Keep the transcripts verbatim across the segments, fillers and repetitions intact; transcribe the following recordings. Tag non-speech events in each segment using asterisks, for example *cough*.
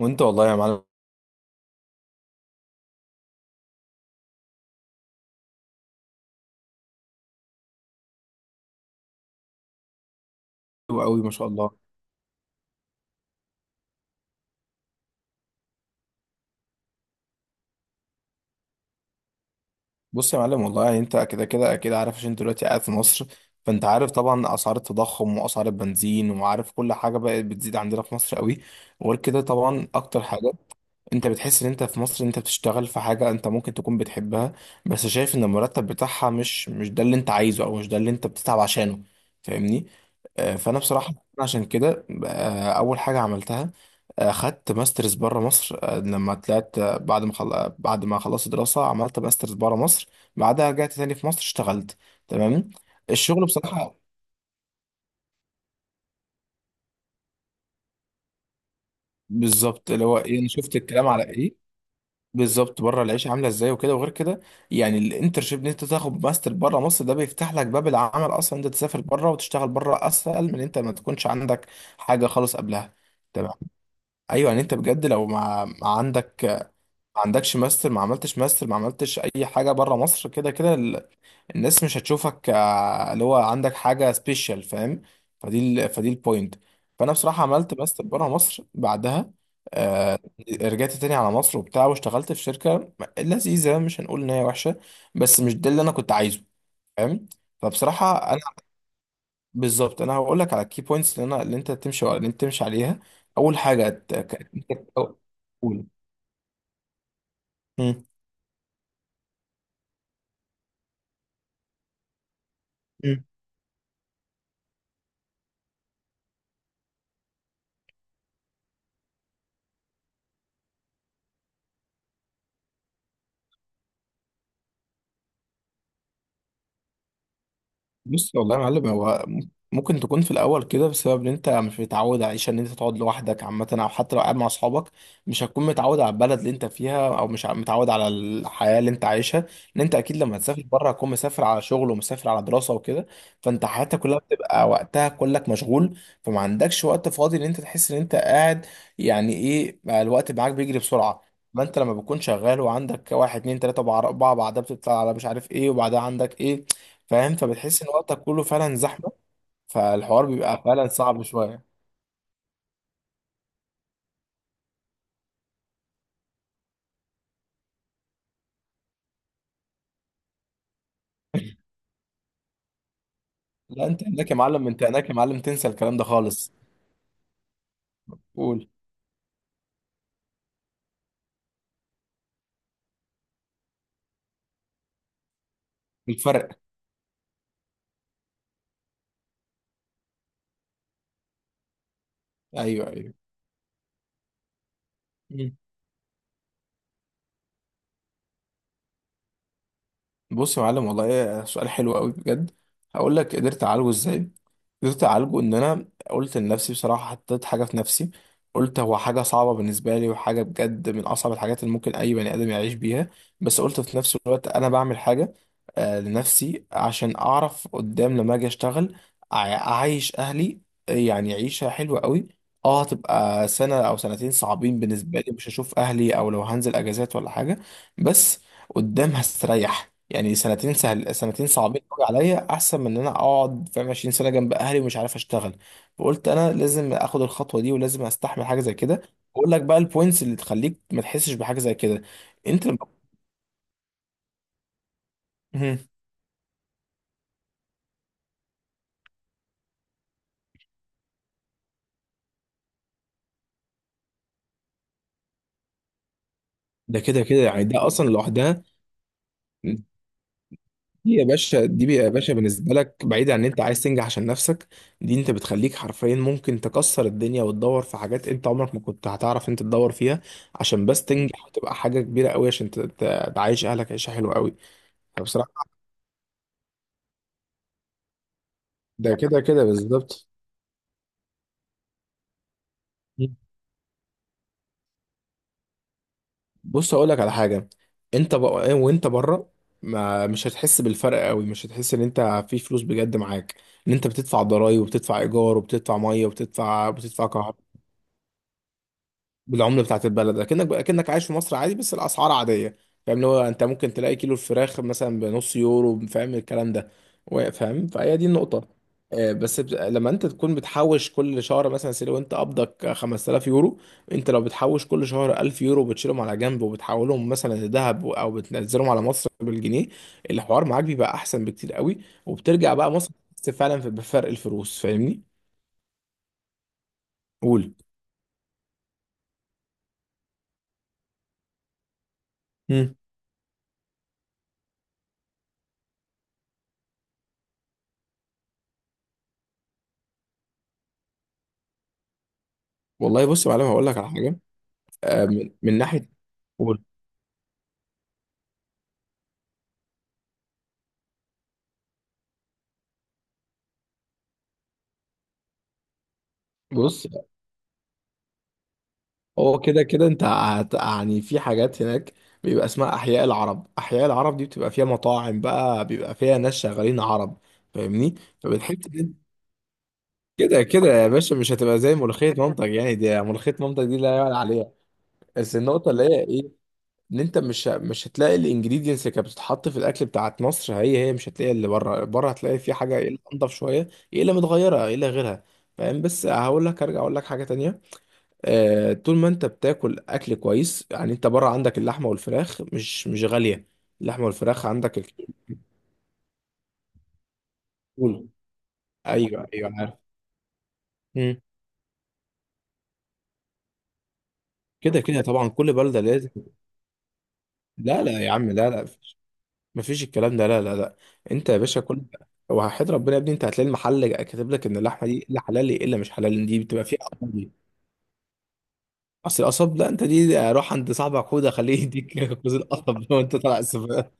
وانت والله يا معلم. حلو قوي، ما شاء الله. بص يا معلم، والله يعني انت كده كده اكيد عارف، عشان انت دلوقتي قاعد في مصر. فانت عارف طبعا اسعار التضخم واسعار البنزين، وعارف كل حاجه بقت بتزيد عندنا في مصر قوي. وغير كده طبعا اكتر حاجات. انت بتحس ان انت في مصر انت بتشتغل في حاجة انت ممكن تكون بتحبها، بس شايف ان المرتب بتاعها مش مش ده اللي انت عايزه، او مش ده اللي انت بتتعب عشانه. فاهمني؟ آه، فانا بصراحة عشان كده، آه، اول حاجة عملتها، آه، خدت ماسترز بره مصر. آه، لما طلعت، آه، بعد ما خل... آه، بعد ما خلصت دراسة، عملت ماسترز بره مصر. بعدها رجعت تاني في مصر، اشتغلت. تمام. الشغل بصراحة بالظبط اللي هو ايه، انا شفت الكلام على ايه بالظبط، بره العيشه عامله ازاي وكده. وغير كده يعني الانترشيب ان انت تاخد ماستر بره مصر، ده بيفتح لك باب العمل. اصلا انت تسافر بره وتشتغل بره اسهل من انت ما تكونش عندك حاجه خالص قبلها. تمام. ايوه يعني انت بجد لو ما ما عندك، ما عندكش ماستر، ما عملتش ماستر، ما عملتش اي حاجه بره مصر، كده كده الناس مش هتشوفك آه، اللي هو عندك حاجة سبيشال. فاهم؟ فدي ال فدي البوينت. فأنا بصراحة عملت ماستر بره مصر، بعدها آه رجعت تاني على مصر وبتاع، واشتغلت في شركة لذيذة، مش هنقول إن هي وحشة، بس مش ده اللي أنا كنت عايزه. فاهم؟ فبصراحة أنا بالظبط أنا هقول لك على الكي بوينتس اللي أنا اللي أنت تمشي اللي أنت تمشي عليها. أول حاجة ت- ك- أنت- أو- قول. مم. بص والله يا معلم، هو ممكن تكون في الاول كده بسبب ان انت مش متعود عايش ان انت تقعد لوحدك عامه، او حتى لو قاعد مع اصحابك، مش هتكون متعود على البلد اللي انت فيها، او مش متعود على الحياه اللي انت عايشها. ان انت اكيد لما تسافر بره هتكون مسافر على شغل ومسافر على دراسه وكده. فانت حياتك كلها بتبقى وقتها كلك مشغول، فما عندكش وقت فاضي ان انت تحس ان انت قاعد. يعني ايه بقى، الوقت معاك بيجري بسرعه. ما انت لما بتكون شغال وعندك واحد اتنين تلاته وبع- اربعه، بعدها بتطلع على مش عارف ايه، وبعدها عندك ايه. فاهم؟ فبتحس ان وقتك كله فعلا زحمه. فالحوار بيبقى فعلا صعب شويه. *laughs* لا، انت هناك يا معلم، انت هناك يا معلم، تنسى الكلام ده خالص. قول. الفرق. ايوه، ايوه. بص يا معلم، والله إيه، سؤال حلو قوي بجد. هقول لك قدرت اعالجه ازاي. قدرت اعالجه ان انا قلت لنفسي بصراحه، حطيت حاجه في نفسي، قلت هو حاجه صعبه بالنسبه لي، وحاجه بجد من اصعب الحاجات اللي ممكن اي بني ادم يعيش بيها، بس قلت في نفس الوقت انا بعمل حاجه آه، لنفسي، عشان اعرف قدام لما اجي اشتغل أع- اعيش اهلي آه، يعني عيشه حلوه قوي. اه، هتبقى سنه او سنتين صعبين بالنسبه لي، مش هشوف اهلي، او لو هنزل اجازات ولا حاجه، بس قدام هستريح. يعني سنتين سهل، سنتين صعبين قوي عليا احسن من ان انا اقعد فاهم عشرين سنه جنب اهلي ومش عارف اشتغل. فقلت انا لازم اخد الخطوه دي، ولازم استحمل حاجه زي كده. اقول لك بقى البوينتس اللي تخليك ما تحسش بحاجه زي كده. انت لما... مهم. ده كده كده يعني ده اصلا لوحدها. دي يا باشا، دي يا باشا، بالنسبه لك بعيد عن ان انت عايز تنجح عشان نفسك، دي انت بتخليك حرفيا ممكن تكسر الدنيا، وتدور في حاجات انت عمرك ما كنت هتعرف انت تدور فيها، عشان بس تنجح وتبقى حاجه كبيره قوي، عشان ت- ت- تعيش اهلك عيشه حلوه قوي. فبصراحه ده كده كده بالظبط. بص اقول لك على حاجه، انت بقى وانت بره ما مش هتحس بالفرق قوي، مش هتحس ان انت في فلوس بجد معاك، ان انت بتدفع ضرايب، وبتدفع ايجار، وبتدفع ميه، وبتدفع بتدفع كهرباء. بالعمله بتاعت البلد، اكنك اكنك عايش في مصر عادي، بس الاسعار عاديه. فاهم؟ اللي هو انت ممكن تلاقي كيلو الفراخ مثلا بنص يورو. فاهم الكلام ده؟ و- فاهم؟ فهي دي النقطه. آه، بس بت- لما انت تكون بتحوش كل شهر، مثلا سي، لو انت قبضك خمسة آلاف يورو، انت لو بتحوش كل شهر الف يورو بتشيلهم على جنب، وبتحولهم مثلا لذهب، او بتنزلهم على مصر بالجنيه، الحوار معاك بيبقى احسن بكتير قوي. وبترجع بقى مصر، تحس فعلا في- بفرق الفلوس. فاهمني؟ قول. مم. والله بص يا معلم، هقول لك على حاجه آه، من من ناحيه. قول. بص هو كده كده انت هت- يعني في حاجات هناك بيبقى اسمها احياء العرب. احياء العرب دي بتبقى فيها مطاعم بقى، بيبقى فيها ناس شغالين عرب. فاهمني؟ فبتحس ان- كده كده يا باشا، مش هتبقى زي ملوخية مامتك. يعني دي ملوخية مامتك، دي لا يعلى عليها. بس النقطة اللي هي ايه؟ ان انت مش ه- مش هتلاقي الانجريدينتس اللي كانت بتتحط في الاكل بتاعت مصر هي هي. مش هتلاقي اللي بره. بره هتلاقي في حاجة ايه اللي انضف شوية، ايه اللي متغيرة، ايه اللي غيرها. فاهم؟ بس هقول لك، ارجع اقول لك حاجة تانية. آه، طول ما انت بتاكل اكل كويس، يعني انت بره عندك اللحمه والفراخ مش مش غاليه. اللحمه والفراخ عندك الكيلو... بقول. ايوه، ايوه، عارف. مم. كده كده طبعا، كل بلده لازم. لا لا يا عم، لا لا، مفيش. مفيش الكلام ده، لا لا لا. انت يا باشا كل، وحياة ربنا يا ابني انت هتلاقي المحل كاتب لك ان اللحمه دي لا حلال الا مش حلال. دي بتبقى فيها قصب، دي اصل القصب. لا، انت دي روح عند صاحبك، خد خليه يديك *laughs* جوز القصب وانت طالع السفارة.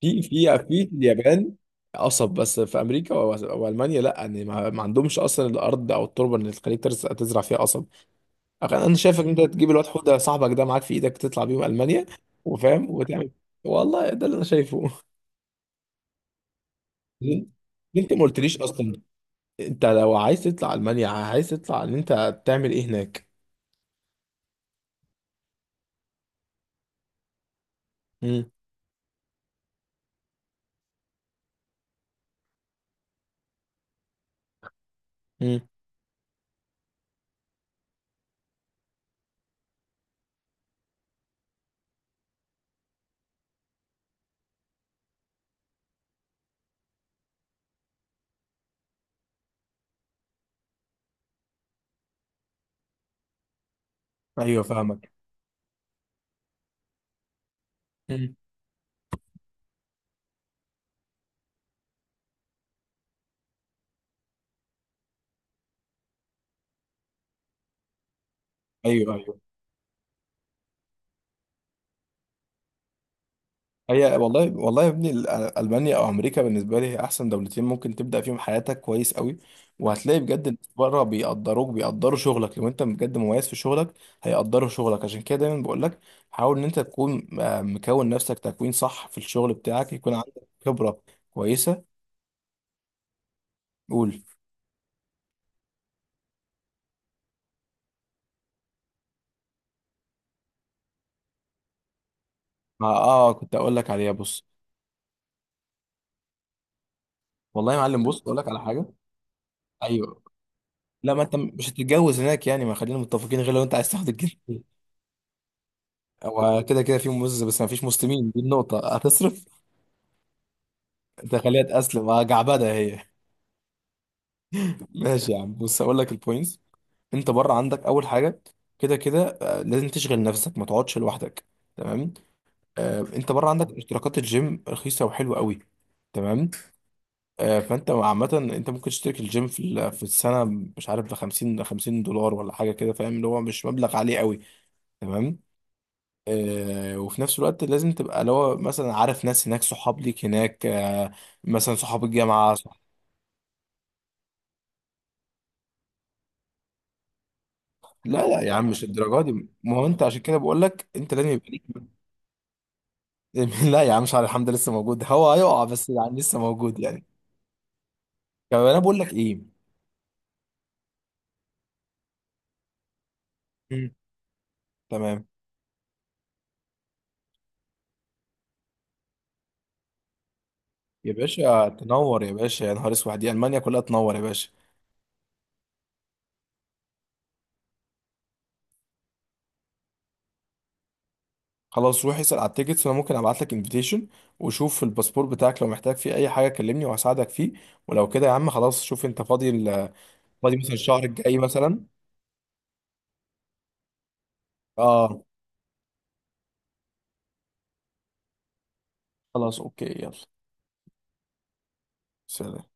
في في في اليابان قصب، بس في امريكا و- والمانيا لا. ان ما ما عندهمش اصلا الارض او التربه اللي تخليك ترز- تزرع فيها قصب. أخ- انا شايفك انت تجيب الواد حوده صاحبك ده معاك في ايدك تطلع بيهم المانيا وفاهم، وتعمل... *laughs* والله ده اللي انا شايفه. *laughs* ليه- ليه انت ما قلتليش اصلا؟ انت لو عايز تطلع المانيا، عايز تطلع ان انت تعمل ايه هناك؟ امم امم ايوه، فاهمك. امم ايوه. هي والله، والله يا ابني ال- ألمانيا أو أمريكا بالنسبة لي هي أحسن دولتين ممكن تبدأ فيهم حياتك كويس قوي. وهتلاقي بجد الناس بره بيقدروك، بيقدروا شغلك لو أنت بجد مميز في شغلك. هيقدروا شغلك. عشان كده دايما بقول لك، حاول إن أنت تكون آه، مكون نفسك تكوين صح في الشغل بتاعك، يكون عندك خبرة كويسة. قول. ما آه كنت أقول لك عليها. بص والله يا معلم، بص أقول لك على حاجة. أيوه. لا، ما أنت مش هتتجوز هناك يعني، ما خلينا متفقين، غير لو أنت عايز تاخد الجنسية. هو كده كده في موز، بس ما فيش مسلمين، دي النقطة. هتصرف؟ انت خليها تأسلم آه، جعبدة هي. *laughs* ماشي يا عم، بص هقول لك البوينتس. انت بره عندك أول حاجة، كده كده آه، لازم تشغل نفسك، ما تقعدش لوحدك. تمام. آه، انت بره عندك اشتراكات الجيم رخيصة وحلوة قوي. تمام. آه، فانت عامة انت ممكن تشترك الجيم في ال- في السنة، مش عارف ب خمسين خمسين دولار ولا حاجة كده. فاهم؟ اللي هو مش مبلغ عالي قوي. تمام. آه، وفي نفس الوقت لازم تبقى اللي هو مثلا عارف ناس هناك، صحاب ليك هناك آه، مثلا صحاب الجامعة صح... لا لا يا عم، مش الدرجة دي. ما هو انت عشان كده بقول لك، انت لازم يبقى ليك. *laughs* لا يا عم، مش على. الحمد لله لسه موجود. هو هيقع، بس يعني لسه موجود يعني. طب انا بقول لك ايه. مم. تمام. يا باشا تنور، يا باشا يا نهار اسود، دي المانيا كلها تنور يا باشا. خلاص، روح اسال على التيكتس، وانا ممكن ابعت لك انفيتيشن، وشوف الباسبور بتاعك لو محتاج فيه اي حاجه كلمني وهساعدك فيه. ولو كده يا عم خلاص، شوف انت فاضي. فاضي مثلا الشهر الجاي مثلا. اه. خلاص، اوكي يلا. سلام.